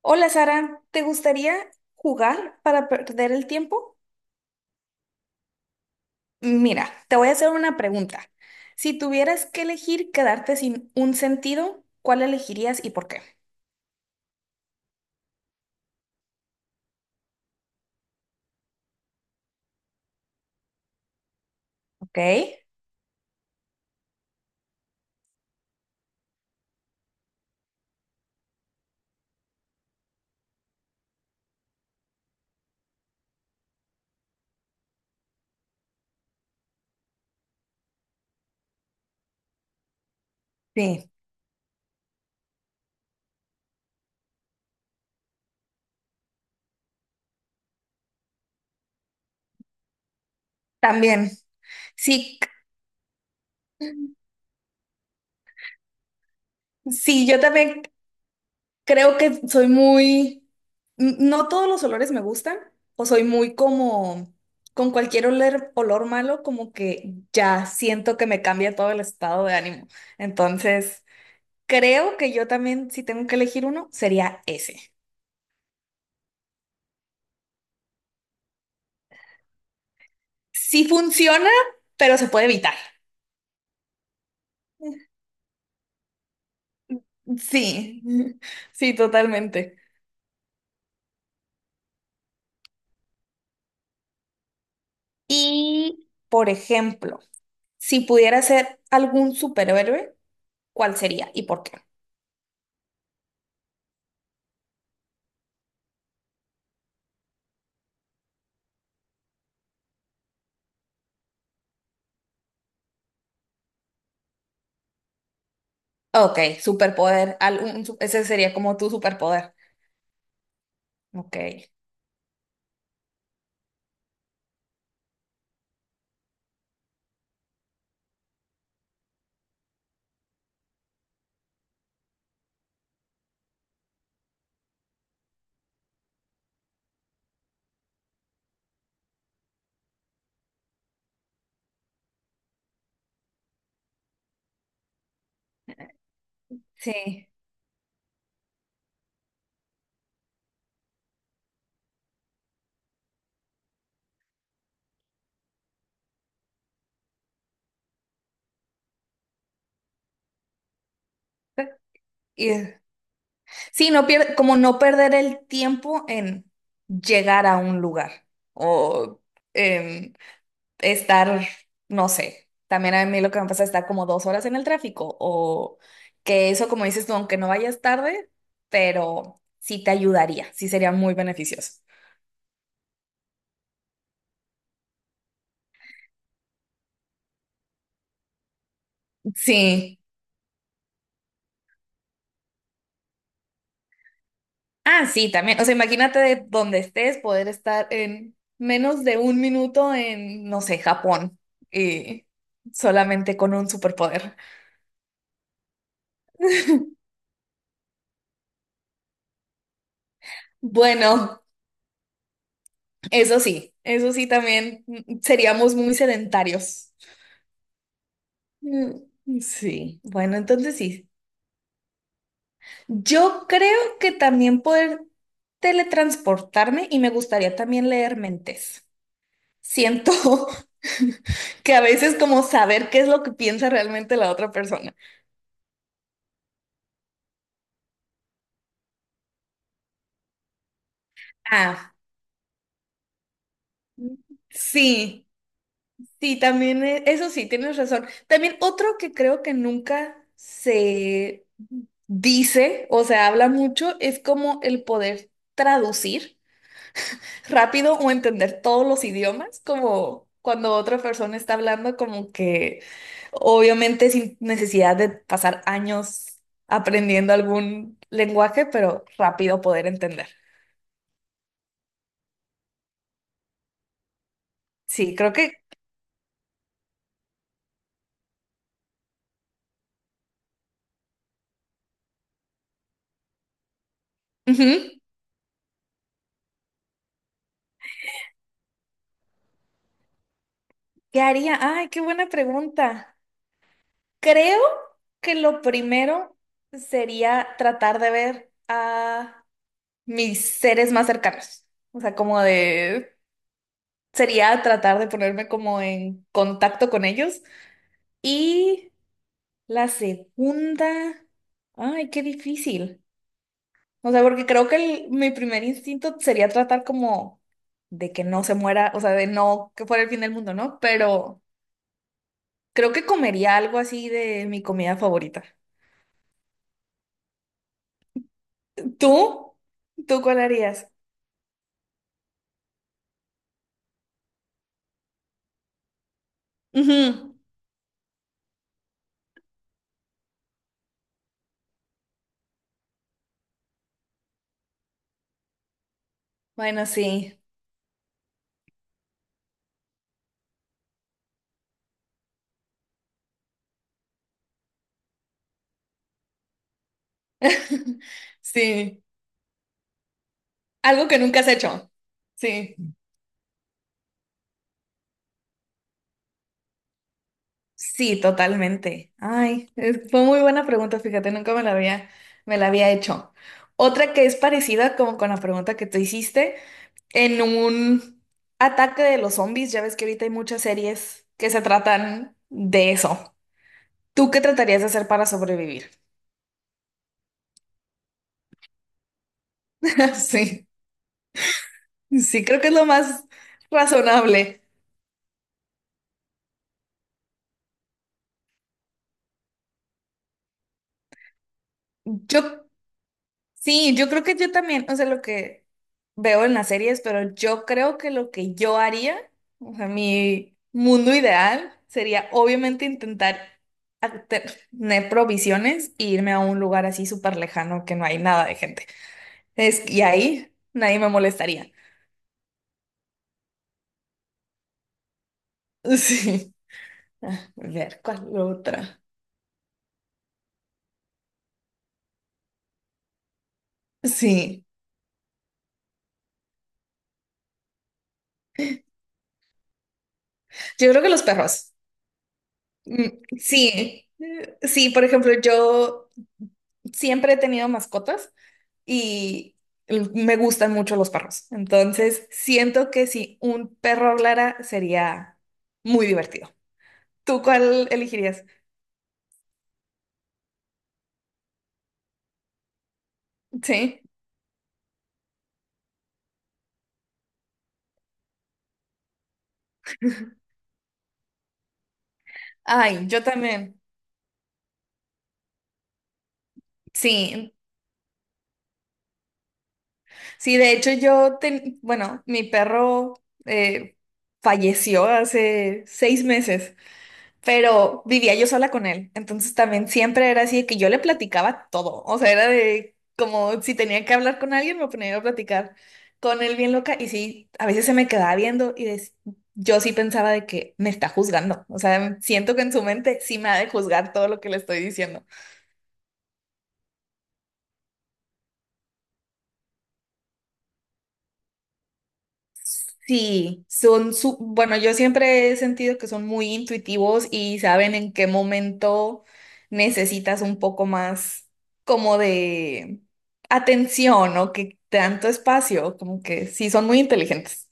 Hola Sara, ¿te gustaría jugar para perder el tiempo? Mira, te voy a hacer una pregunta. Si tuvieras que elegir quedarte sin un sentido, ¿cuál elegirías y por qué? Ok, sí, también. Sí, sí, yo también creo que soy muy... No todos los olores me gustan, o soy muy como... Con cualquier olor, olor malo, como que ya siento que me cambia todo el estado de ánimo. Entonces... Creo que yo también, si tengo que elegir uno, sería ese. Sí funciona, pero se puede evitar. Sí, sí, totalmente. Y, por ejemplo, si pudiera ser algún superhéroe, ¿cuál sería y por qué? Ok, superpoder, ese sería como tu superpoder. Ok, sí. Y, sí, como no perder el tiempo en llegar a un lugar o en estar, no sé, también a mí lo que me pasa es estar como 2 horas en el tráfico o que eso, como dices tú, aunque no vayas tarde, pero sí te ayudaría, sí sería muy beneficioso. Sí. Ah, sí, también. O sea, imagínate de donde estés poder estar en menos de un minuto en, no sé, Japón y solamente con un superpoder. Bueno, eso sí también seríamos muy sedentarios. Mm, Sí, bueno, entonces sí. Yo creo que también poder teletransportarme y me gustaría también leer mentes. Siento que a veces como saber qué es lo que piensa realmente la otra persona. Ah, sí, sí, también, eso sí, tienes razón. También otro que creo que nunca se dice o se habla mucho es como el poder traducir rápido o entender todos los idiomas, como cuando otra persona está hablando, como que obviamente sin necesidad de pasar años aprendiendo algún lenguaje, pero rápido poder entender. Sí, creo que... Ujú. ¿Qué haría? Ay, qué buena pregunta. Creo que lo primero sería tratar de ver a mis seres más cercanos. O sea, como de... Sería tratar de ponerme como en contacto con ellos. Y la segunda, ay, qué difícil. O sea, porque creo que mi primer instinto sería tratar como de que no se muera, o sea, de no que fuera el fin del mundo, ¿no? Pero creo que comería algo así de mi comida favorita. ¿Tú? ¿Tú cuál harías? Ujú. Bueno, sí. Sí. Algo que nunca has hecho. Sí. Sí, totalmente. Ay, fue muy buena pregunta, fíjate, nunca me la había, me la había hecho. Otra que es parecida como con la pregunta que tú hiciste, en un ataque de los zombies, ya ves que ahorita hay muchas series que se tratan de eso. ¿Tú qué tratarías de hacer para sobrevivir? Sí, sí, creo que es lo más razonable. Yo Sí, yo creo que yo también, o sea, lo que veo en las series, pero yo creo que lo que yo haría, o sea, mi mundo ideal sería obviamente intentar tener provisiones e irme a un lugar así súper lejano que no hay nada de gente. Es, y ahí nadie me molestaría. Sí. Ah, a ver, ¿cuál otra? Sí. Yo creo que los perros. Mm, Sí. Sí, por ejemplo, yo siempre he tenido mascotas y me gustan mucho los perros. Entonces, siento que si un perro hablara sería muy divertido. ¿Tú cuál elegirías? Sí. Ay, yo también. Sí, sí, de hecho yo, bueno, mi perro falleció hace 6 meses, pero vivía yo sola con él. Entonces también siempre era así de que yo le platicaba todo. O sea, era de como si tenía que hablar con alguien, me ponía yo a platicar con él bien loca. Y sí, a veces se me quedaba viendo y yo sí pensaba de que me está juzgando. O sea, siento que en su mente sí me ha de juzgar todo lo que le estoy diciendo. Sí, son su, bueno, yo siempre he sentido que son muy intuitivos y saben en qué momento necesitas un poco más como de atención o que tanto espacio, como que sí, son muy inteligentes.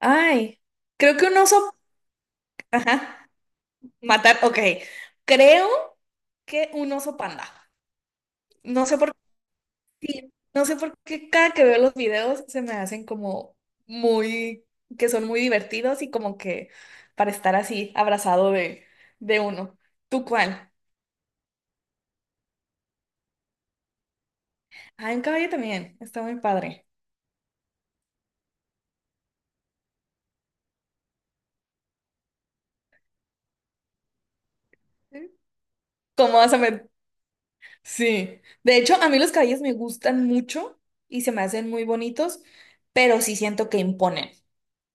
Ay, creo que un oso, ajá, matar, ok, creo que un oso panda. No sé por Sí, no sé por qué cada que veo los videos se me hacen como muy, que son muy divertidos y como que para estar así abrazado de uno. ¿Tú cuál? Ah, un caballo también, está muy padre. ¿Sí? ¿Cómo vas a met- Sí. De hecho, a mí los caballos me gustan mucho y se me hacen muy bonitos, pero sí siento que imponen.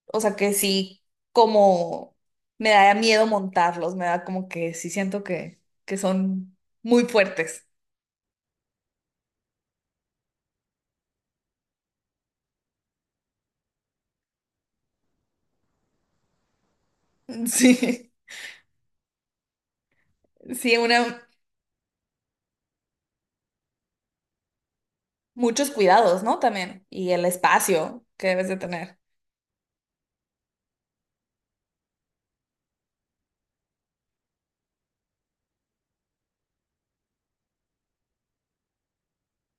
O sea que sí, como me da miedo montarlos, me da como que sí siento que son muy fuertes. Sí. Sí, una, muchos cuidados, ¿no? También. Y el espacio que debes de tener.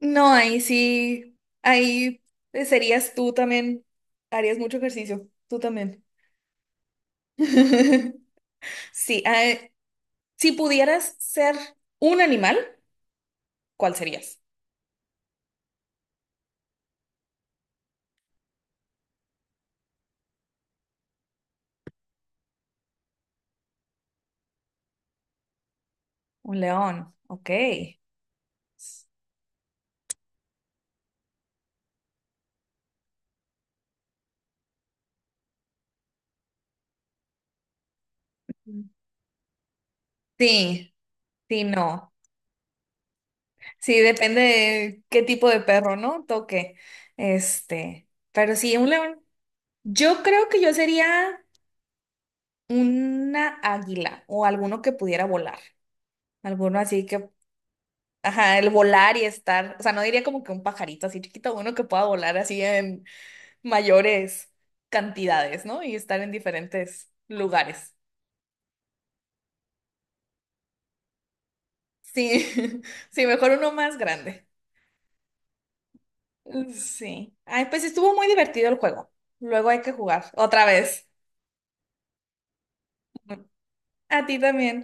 No, ahí sí, ahí serías tú también, harías mucho ejercicio, tú también. Sí, si pudieras ser un animal, ¿cuál serías? Un león, ok. Mm. Sí, sí, no. Sí, depende de qué tipo de perro, ¿no? Toque. Este, pero sí, un león. Yo creo que yo sería Una águila o alguno que pudiera volar. Alguno así que, ajá, el volar y estar, o sea, no diría como que un pajarito así chiquito, uno que pueda volar así en mayores cantidades, ¿no? Y estar en diferentes lugares. Sí, sí, mejor uno más grande. Sí. Ay, pues estuvo muy divertido el juego. Luego hay que jugar otra vez. A ti también.